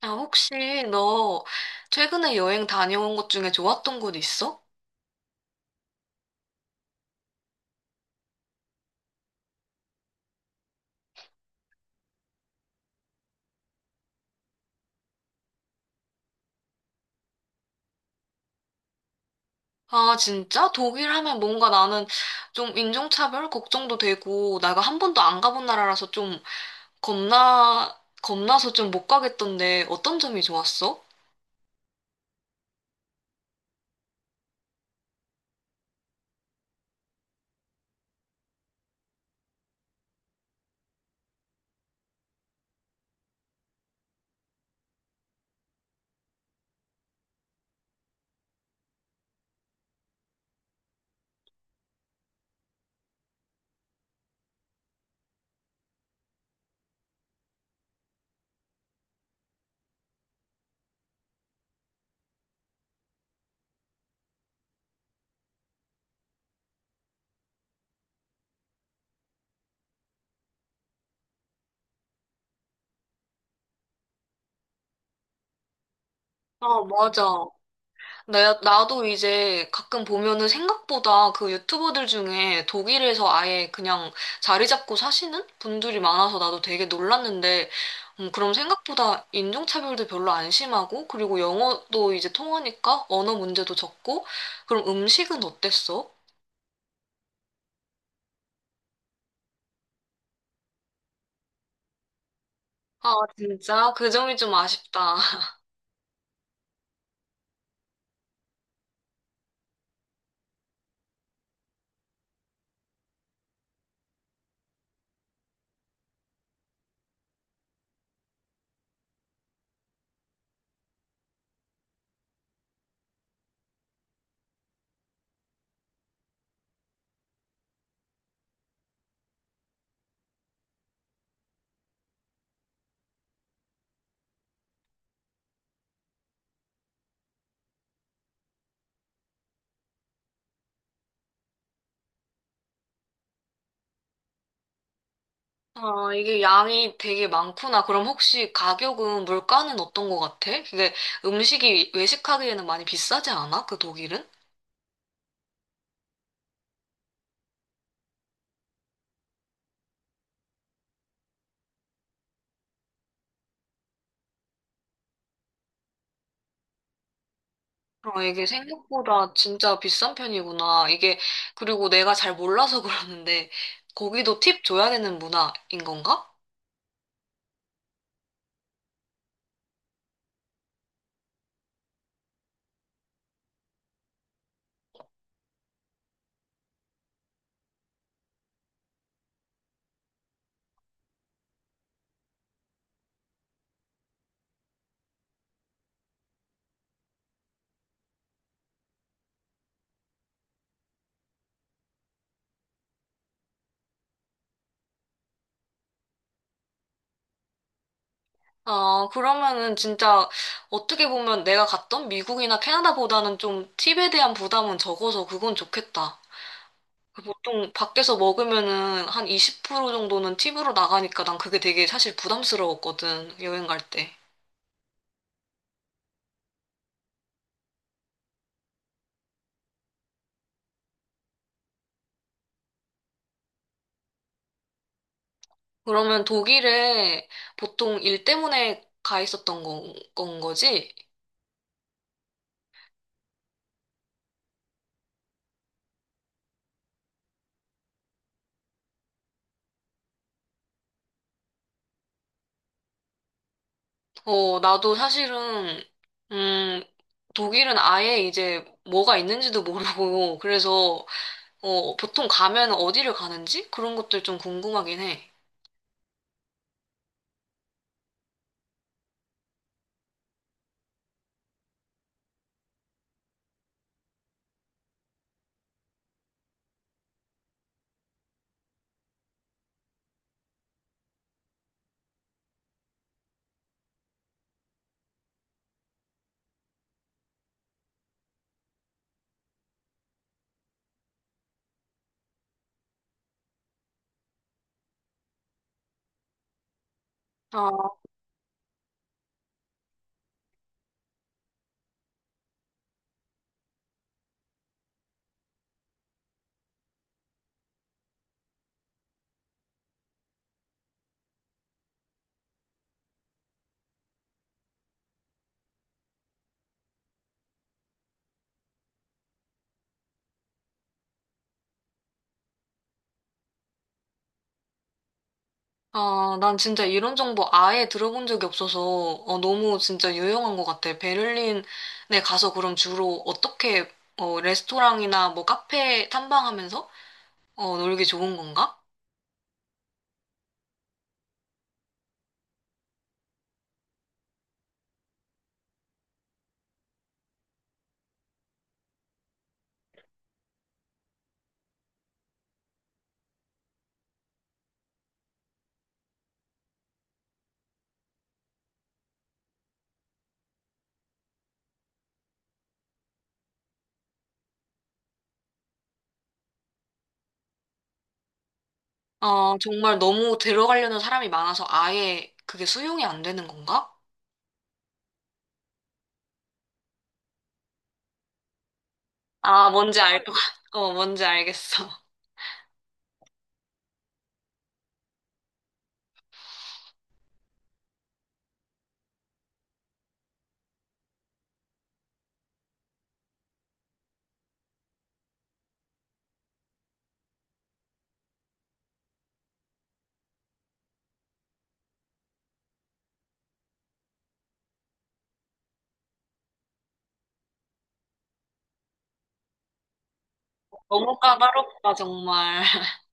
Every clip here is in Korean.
아, 혹시 너 최근에 여행 다녀온 것 중에 좋았던 곳 있어? 아, 진짜? 독일 하면 뭔가 나는 좀 인종차별 걱정도 되고, 내가 한 번도 안 가본 나라라서 좀 겁나서 좀 못 가겠던데 어떤 점이 좋았어? 아, 맞아. 나도 이제 가끔 보면은 생각보다 그 유튜버들 중에 독일에서 아예 그냥 자리 잡고 사시는 분들이 많아서 나도 되게 놀랐는데, 그럼 생각보다 인종차별도 별로 안 심하고, 그리고 영어도 이제 통하니까 언어 문제도 적고, 그럼 음식은 어땠어? 아, 진짜? 그 점이 좀 아쉽다. 아, 이게 양이 되게 많구나. 그럼 혹시 가격은, 물가는 어떤 것 같아? 그게 음식이 외식하기에는 많이 비싸지 않아? 그 독일은? 이게 생각보다 진짜 비싼 편이구나. 이게, 그리고 내가 잘 몰라서 그러는데, 거기도 팁 줘야 되는 문화인 건가? 아, 그러면은 진짜 어떻게 보면 내가 갔던 미국이나 캐나다보다는 좀 팁에 대한 부담은 적어서 그건 좋겠다. 그 보통 밖에서 먹으면은 한 20% 정도는 팁으로 나가니까 난 그게 되게 사실 부담스러웠거든, 여행 갈 때. 그러면 독일에 보통 일 때문에 가 있었던 건 거지? 나도 사실은, 음, 독일은 아예 이제 뭐가 있는지도 모르고, 그래서, 보통 가면 어디를 가는지? 그런 것들 좀 궁금하긴 해. 아, 아, 난 진짜 이런 정보 아예 들어본 적이 없어서, 너무 진짜 유용한 것 같아. 베를린에 가서 그럼 주로 어떻게, 레스토랑이나 뭐 카페 탐방하면서, 놀기 좋은 건가? 아, 정말 너무 들어가려는 사람이 많아서 아예 그게 수용이 안 되는 건가? 아, 뭔지 알 것, 같- 어, 뭔지 알겠어. 너무 까다롭다, 정말.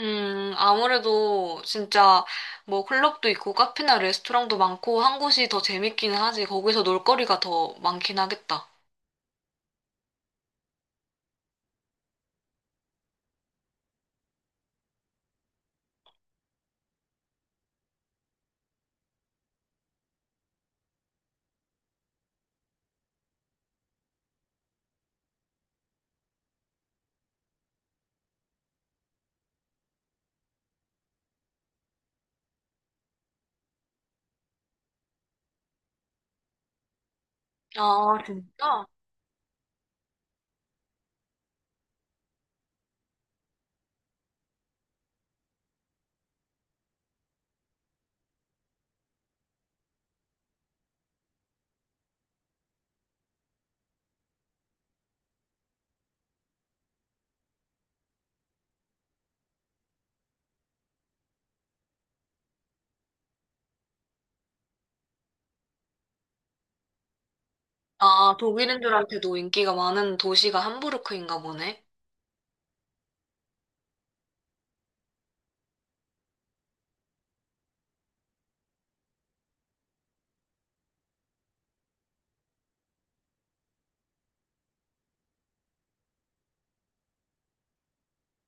아무래도 진짜 뭐 클럽도 있고 카페나 레스토랑도 많고 한 곳이 더 재밌기는 하지. 거기서 놀거리가 더 많긴 하겠다. 아, 진짜? 아, 독일인들한테도 인기가 많은 도시가 함부르크인가 보네.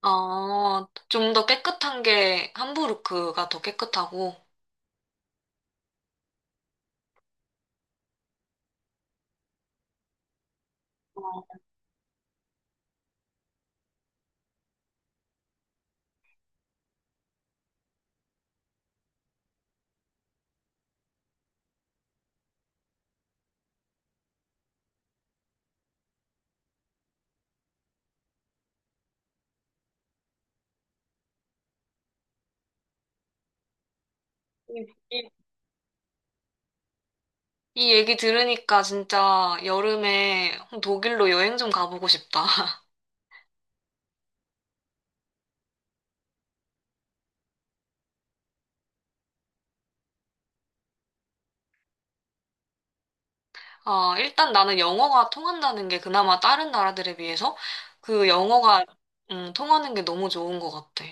아, 좀 더 깨끗한 게 함부르크가 더 깨끗하고. 어, 이, 이- 이 얘기 들으니까 진짜 여름에 독일로 여행 좀 가보고 싶다. 아, 일단 나는 영어가 통한다는 게 그나마 다른 나라들에 비해서 그 영어가 통하는 게 너무 좋은 것 같아.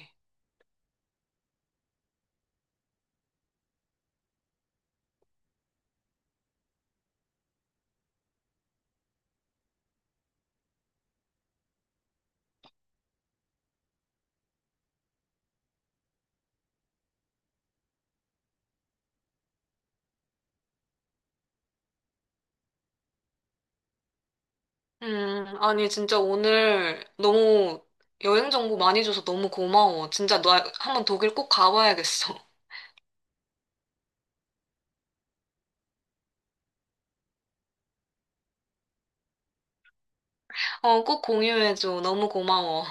아니, 진짜 오늘 너무 여행 정보 많이 줘서 너무 고마워. 진짜 너 한번 독일 꼭 가봐야겠어. 꼭 공유해줘. 너무 고마워.